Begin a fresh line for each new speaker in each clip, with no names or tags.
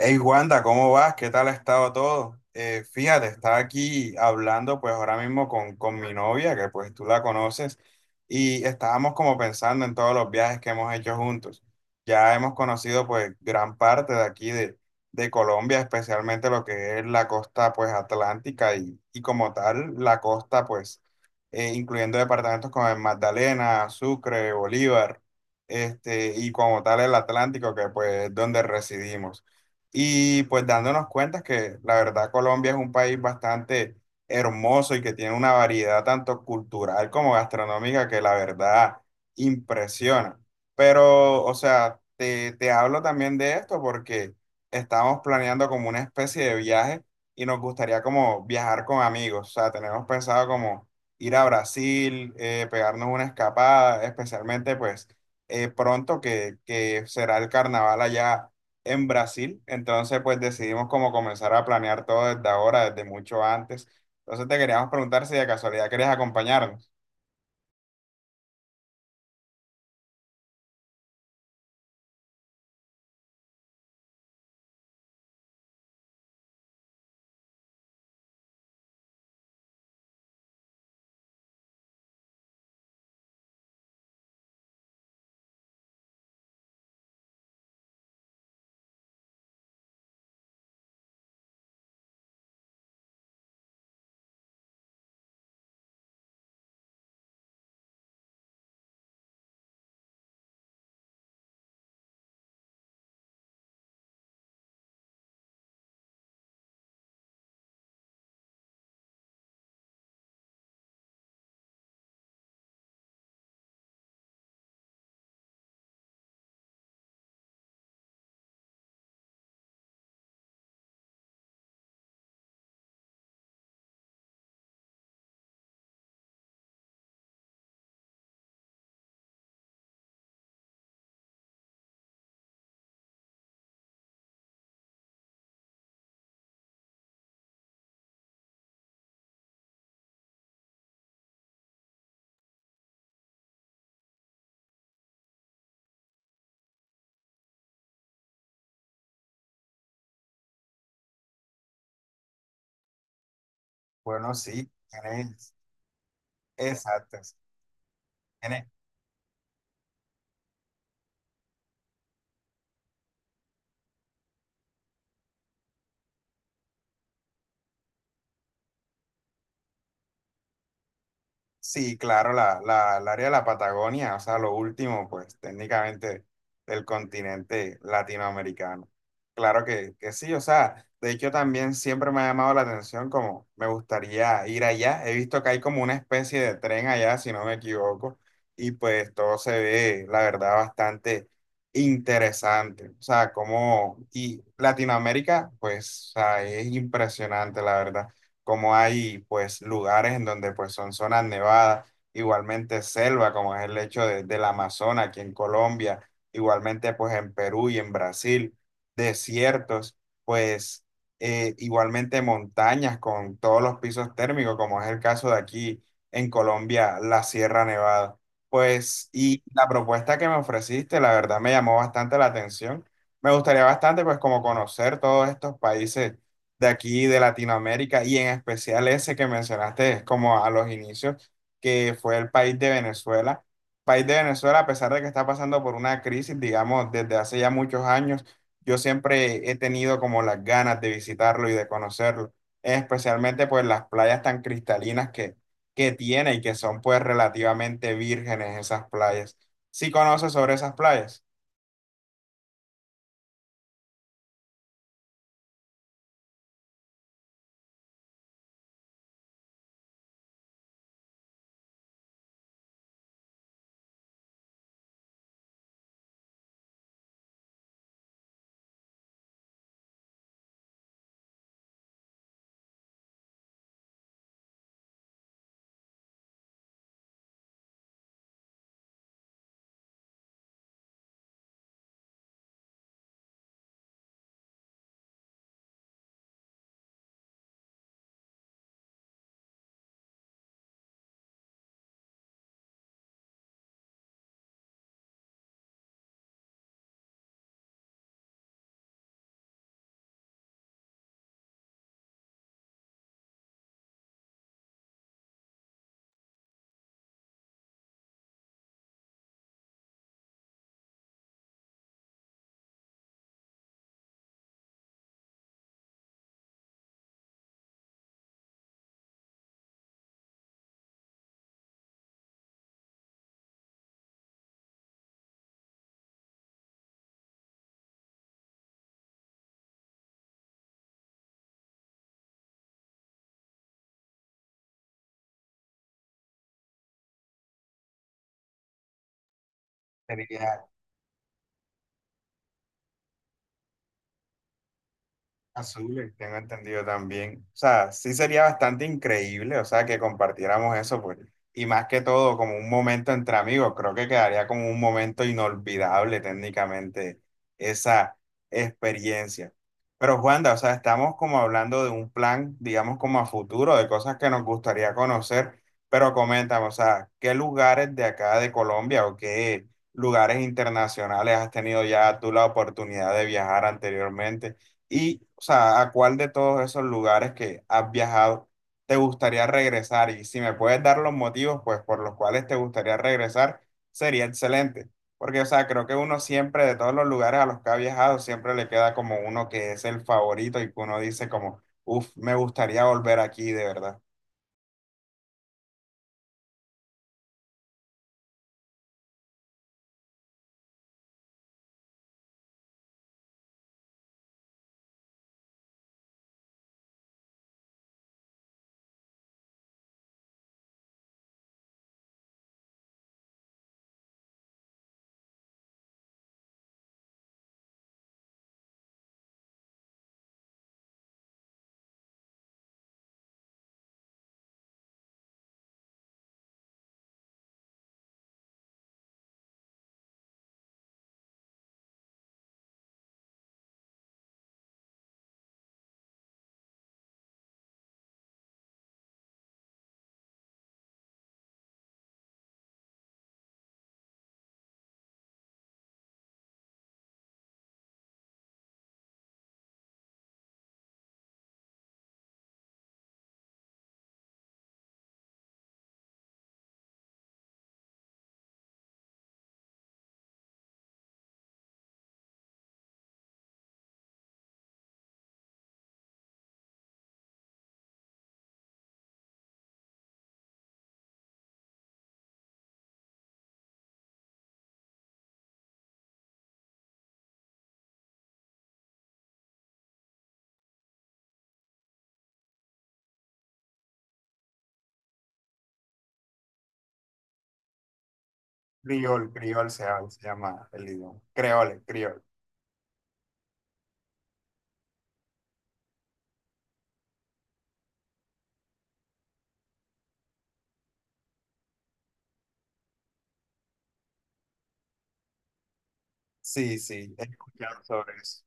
Hey Wanda, ¿cómo vas? ¿Qué tal ha estado todo? Fíjate, estaba aquí hablando pues ahora mismo con mi novia, que pues tú la conoces, y estábamos como pensando en todos los viajes que hemos hecho juntos. Ya hemos conocido pues gran parte de aquí de Colombia, especialmente lo que es la costa pues atlántica y como tal la costa pues incluyendo departamentos como el Magdalena, Sucre, Bolívar, este, y como tal el Atlántico, que pues es donde residimos. Y pues dándonos cuenta que la verdad Colombia es un país bastante hermoso y que tiene una variedad tanto cultural como gastronómica que la verdad impresiona. Pero, o sea, te hablo también de esto porque estamos planeando como una especie de viaje y nos gustaría como viajar con amigos. O sea, tenemos pensado como ir a Brasil, pegarnos una escapada, especialmente pues pronto que será el carnaval allá en Brasil, entonces pues decidimos como comenzar a planear todo desde ahora, desde mucho antes. Entonces te queríamos preguntar si de casualidad querías acompañarnos. Bueno, sí, tienes, exacto. Tienes, sí, claro, el área de la Patagonia, o sea, lo último, pues técnicamente del continente latinoamericano. Claro que sí, o sea, de hecho también siempre me ha llamado la atención como me gustaría ir allá. He visto que hay como una especie de tren allá, si no me equivoco, y pues todo se ve, la verdad, bastante interesante. O sea, como, y Latinoamérica, pues, o sea, es impresionante, la verdad como hay pues lugares en donde pues son zonas nevadas, igualmente selva, como es el hecho del Amazonas aquí en Colombia, igualmente pues en Perú y en Brasil, desiertos, pues igualmente montañas con todos los pisos térmicos, como es el caso de aquí en Colombia, la Sierra Nevada. Pues, y la propuesta que me ofreciste, la verdad me llamó bastante la atención. Me gustaría bastante, pues, como conocer todos estos países de aquí, de Latinoamérica, y en especial ese que mencionaste, es como a los inicios, que fue el país de Venezuela. País de Venezuela, a pesar de que está pasando por una crisis, digamos, desde hace ya muchos años, yo siempre he tenido como las ganas de visitarlo y de conocerlo, especialmente pues las playas tan cristalinas que tiene y que son pues relativamente vírgenes esas playas. ¿Sí conoces sobre esas playas? Sería azules, tengo entendido también. O sea, sí sería bastante increíble, o sea, que compartiéramos eso, pues. Y más que todo, como un momento entre amigos, creo que quedaría como un momento inolvidable técnicamente esa experiencia. Pero Juanda, o sea, estamos como hablando de un plan, digamos, como a futuro, de cosas que nos gustaría conocer, pero coméntame, o sea, ¿qué lugares de acá de Colombia o qué lugares internacionales has tenido ya tú la oportunidad de viajar anteriormente? Y, o sea, ¿a cuál de todos esos lugares que has viajado te gustaría regresar? Y si me puedes dar los motivos, pues, por los cuales te gustaría regresar, sería excelente. Porque, o sea, creo que uno siempre, de todos los lugares a los que ha viajado, siempre le queda como uno que es el favorito y que uno dice como, uff, me gustaría volver aquí, de verdad. Criol, criol se llama el idioma. Creole, criol. Sí, sí, he escuchado sobre eso.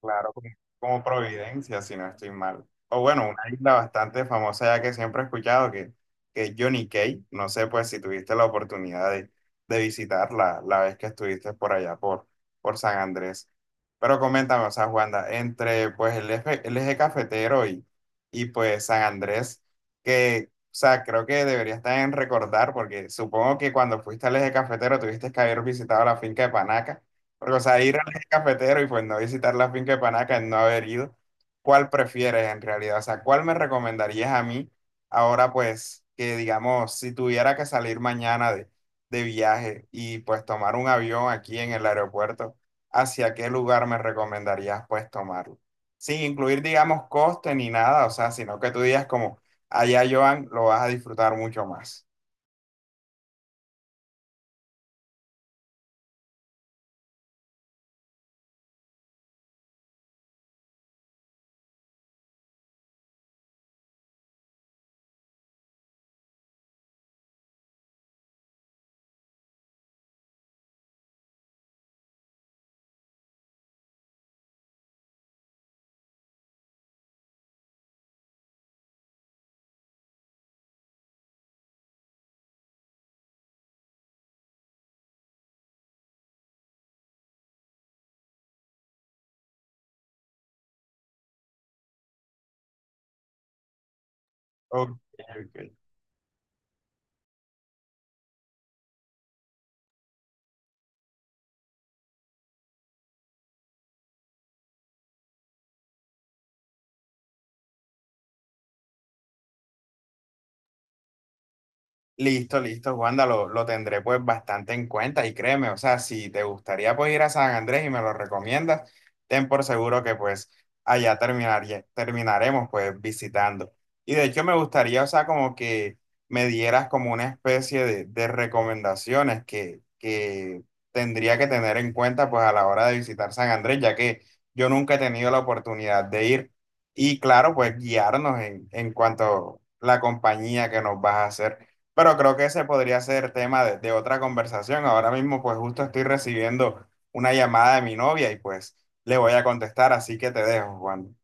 Claro, como, como Providencia, si no estoy mal. O bueno, una isla bastante famosa ya que siempre he escuchado, que es Johnny Cay. No sé pues si tuviste la oportunidad de visitarla la vez que estuviste por allá, por San Andrés. Pero coméntame, o sea, Juanda, entre pues el eje cafetero y pues San Andrés, que, o sea, creo que deberías también recordar, porque supongo que cuando fuiste al eje cafetero tuviste que haber visitado la finca de Panaca. Porque, o sea, ir cafetero y pues no visitar la finca de Panaca, el no haber ido, ¿cuál prefieres en realidad? O sea, ¿cuál me recomendarías a mí ahora pues que digamos, si tuviera que salir mañana de viaje y pues tomar un avión aquí en el aeropuerto, ¿hacia qué lugar me recomendarías pues tomarlo? Sin incluir digamos coste ni nada, o sea, sino que tú digas como, allá Joan, lo vas a disfrutar mucho más. Ok, ok. Listo, listo, Wanda, lo tendré pues bastante en cuenta y créeme, o sea, si te gustaría pues ir a San Andrés y me lo recomiendas, ten por seguro que pues allá terminaría, terminaremos pues visitando. Y de hecho me gustaría, o sea, como que me dieras como una especie de recomendaciones que tendría que tener en cuenta pues a la hora de visitar San Andrés, ya que yo nunca he tenido la oportunidad de ir y claro, pues guiarnos en cuanto a la compañía que nos vas a hacer. Pero creo que ese podría ser tema de otra conversación. Ahora mismo, pues justo estoy recibiendo una llamada de mi novia y pues le voy a contestar, así que te dejo, Juan.